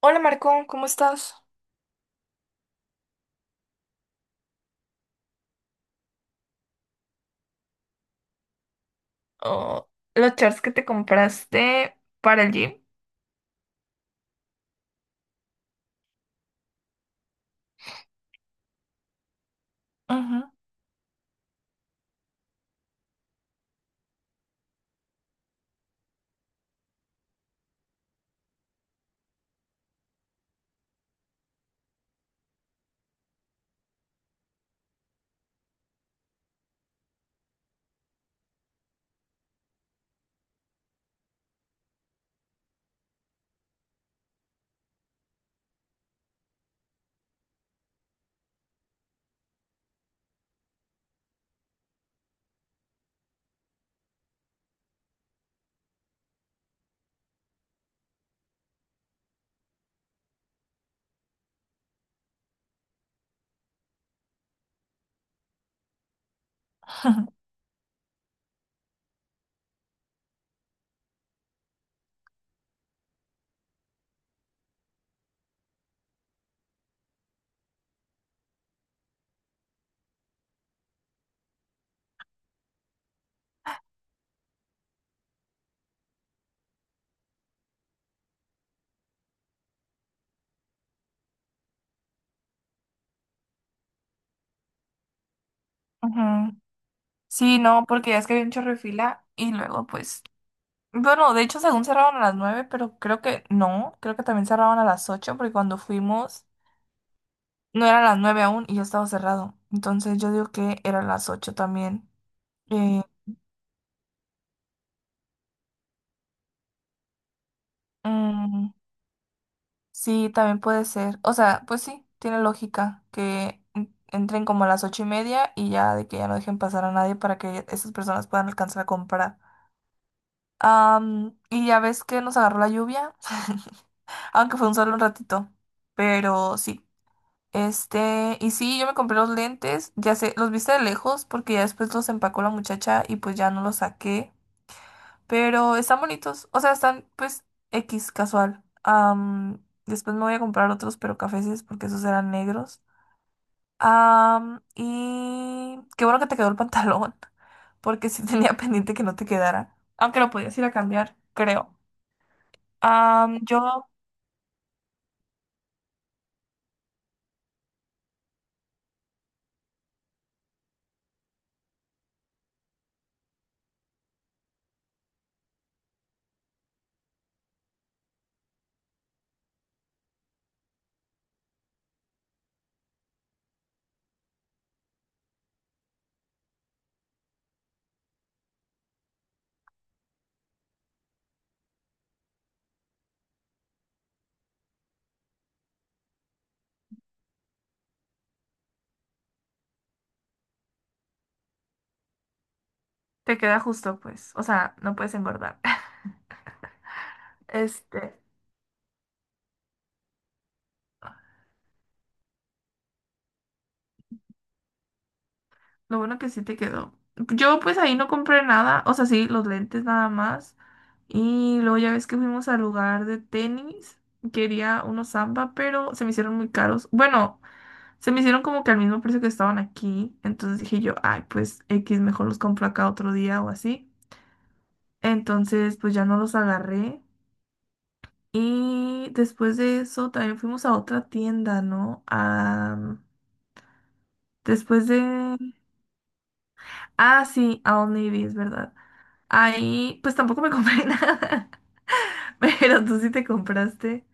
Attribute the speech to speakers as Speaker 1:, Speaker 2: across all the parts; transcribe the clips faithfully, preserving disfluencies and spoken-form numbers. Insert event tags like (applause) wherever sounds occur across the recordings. Speaker 1: Hola Marco, ¿cómo estás? Oh, los shorts que te compraste para el gym. Ujú, (laughs) ujú. Sí, no, porque ya es que había un chorro de fila y luego pues, bueno, de hecho según cerraban a las nueve, pero creo que no, creo que también cerraban a las ocho, porque cuando fuimos no eran las nueve aún y ya estaba cerrado. Entonces yo digo que eran las ocho también. Eh, mm, sí, también puede ser. O sea, pues sí, tiene lógica que en- entren como a las ocho y media y ya de que ya no dejen pasar a nadie para que esas personas puedan alcanzar a comprar. Am, y ya ves que nos agarró la lluvia, (laughs) aunque fue un solo un ratito, pero sí. Este, y sí, yo me compré los lentes, ya sé, los viste de lejos porque ya después los empacó la muchacha y pues ya no los saqué. Pero están bonitos. O sea, están pues X casual. Am, después me voy a comprar otros, pero cafeses, porque esos eran negros. Am, y qué bueno que te quedó el pantalón, (laughs) porque sí tenía (laughs) pendiente que no te quedara. Aunque lo podías ir a cambiar, creo. Am, yo te queda justo, pues. O sea, no puedes engordar. (laughs) Este, lo bueno que sí te quedó. Yo pues ahí no compré nada, o sea, sí, los lentes nada más. Y luego ya ves que fuimos al lugar de tenis, quería unos Samba, pero se me hicieron muy caros. Bueno, se me hicieron como que al mismo precio que estaban aquí. Entonces dije yo, ay, pues X, mejor los compro acá otro día o así. Entonces pues ya no los agarré. Y después de eso también fuimos a otra tienda, ¿no? Ah, después de... Ah, sí, a Old Navy, es verdad. Ahí, pues tampoco me compré (laughs) nada. Pero tú sí te compraste.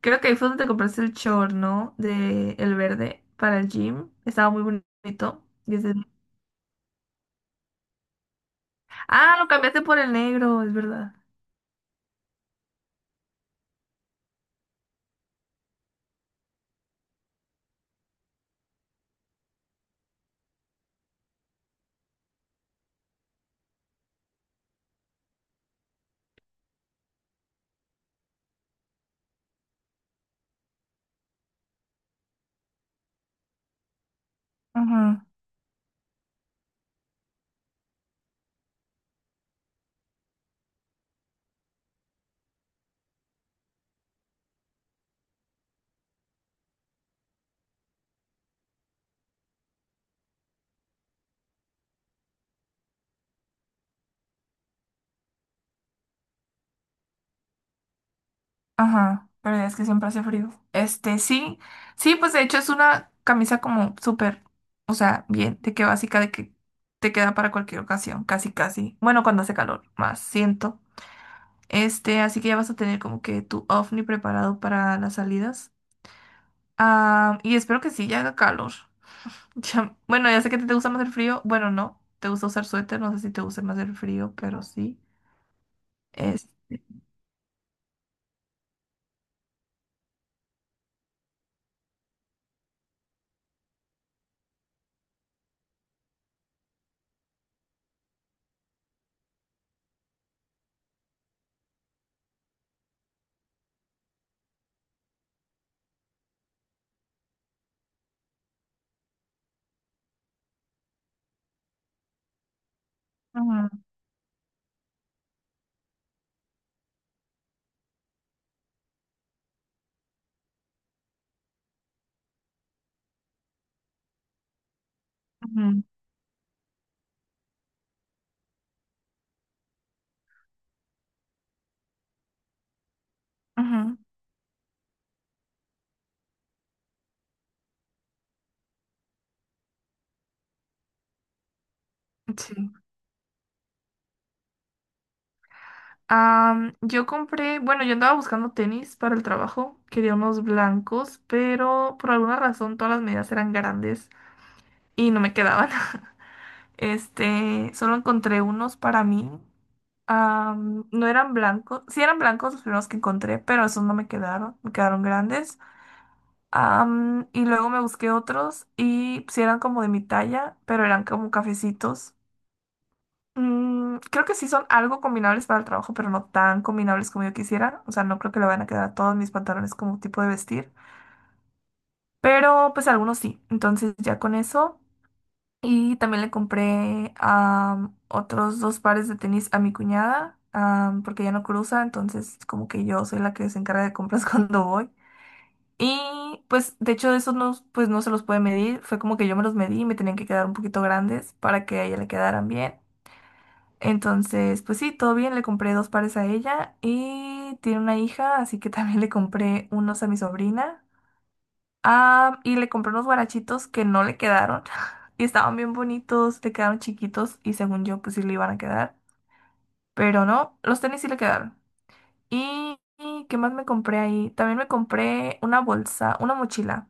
Speaker 1: Creo que ahí fue donde te compraste el short, ¿no? De el verde para el gym. Estaba muy bonito. Y ese- Ah, lo cambiaste por el negro, es verdad. Ujú, ajá, pero es que siempre hace frío. Este, sí, sí, pues de hecho es una camisa como súper, o sea, bien, de que básica, de que te queda para cualquier ocasión, casi, casi. Bueno, cuando hace calor, más siento. Este, así que ya vas a tener como que tu ovni preparado para las salidas. Ah, y espero que sí, ya haga calor. (laughs) Ya- bueno, ya sé que a ti te gusta más el frío. Bueno, no, te gusta usar suéter. No sé si te gusta más el frío, pero sí. Este, ujú, ujú, ujú, sí. Am, yo compré, bueno, yo andaba buscando tenis para el trabajo. Quería unos blancos, pero por alguna razón todas las medidas eran grandes y no me quedaban. Este, solo encontré unos para mí. Am, no eran blancos, sí eran blancos los primeros que encontré, pero esos no me quedaron, me quedaron grandes. Am, y luego me busqué otros y pues, sí eran como de mi talla, pero eran como cafecitos. Mm, creo que sí son algo combinables para el trabajo, pero no tan combinables como yo quisiera. O sea, no creo que le van a quedar a todos mis pantalones como tipo de vestir, pero pues algunos sí. Entonces ya con eso. Y también le compré am, otros dos pares de tenis a mi cuñada, am, porque ya no cruza, entonces como que yo soy la que se encarga de compras (laughs) cuando voy. Y pues de hecho esos no, pues no se los puede medir, fue como que yo me los medí y me tenían que quedar un poquito grandes para que a ella le quedaran bien. Entonces, pues sí, todo bien, le compré dos pares a ella y tiene una hija, así que también le compré unos a mi sobrina. Ah, y le compré unos guarachitos que no le quedaron. (laughs) Y estaban bien bonitos, le quedaron chiquitos y según yo pues sí le iban a quedar. Pero no, los tenis sí le quedaron. ¿Y y qué más me compré ahí? También me compré una bolsa, una mochila.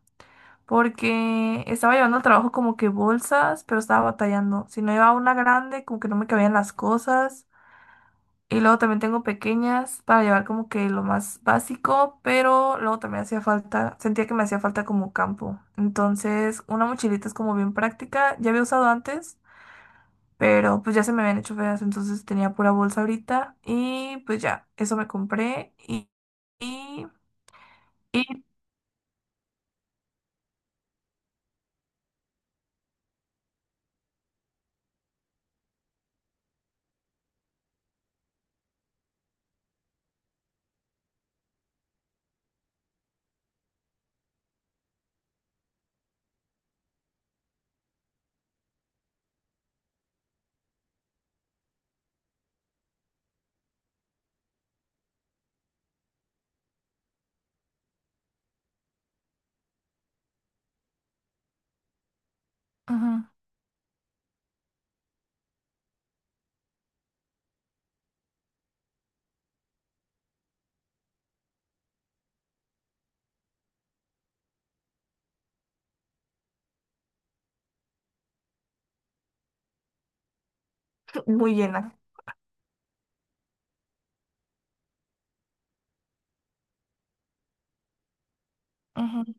Speaker 1: Porque estaba llevando al trabajo como que bolsas, pero estaba batallando. Si no llevaba una grande, como que no me cabían las cosas. Y luego también tengo pequeñas para llevar como que lo más básico, pero luego también hacía falta, sentía que me hacía falta como campo. Entonces, una mochilita es como bien práctica, ya había usado antes, pero pues ya se me habían hecho feas, entonces tenía pura bolsa ahorita y pues ya, eso me compré y, y, y ujú, (clears throat) muy llena. Ujú.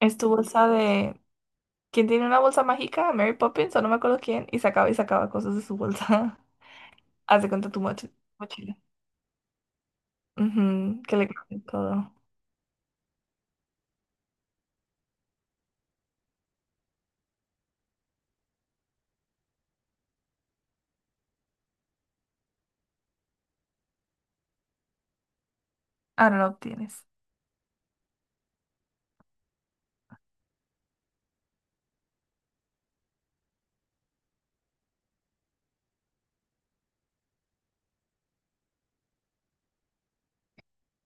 Speaker 1: Es tu bolsa de... ¿Quién tiene una bolsa mágica? Mary Poppins o no me acuerdo quién, y sacaba y sacaba cosas de su bolsa. (laughs) Haz de cuenta tu mochi- mochila. Ujú, que le cambie todo. Ahora lo obtienes.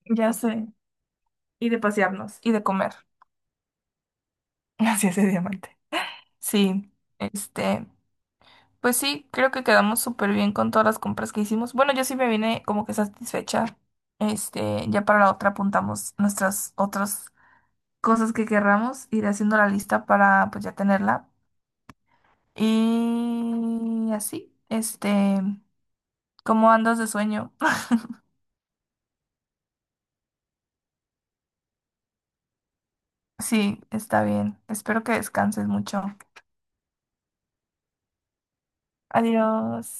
Speaker 1: Ya sé. Y de pasearnos y de comer. (laughs) Así es, diamante. Sí, este, pues sí, creo que quedamos súper bien con todas las compras que hicimos. Bueno, yo sí me vine como que satisfecha. Este, ya para la otra apuntamos nuestras otras cosas que querramos, ir haciendo la lista para pues ya tenerla. Y así, este, ¿cómo andas de sueño? (laughs) Sí, está bien. Espero que descanses mucho. Adiós.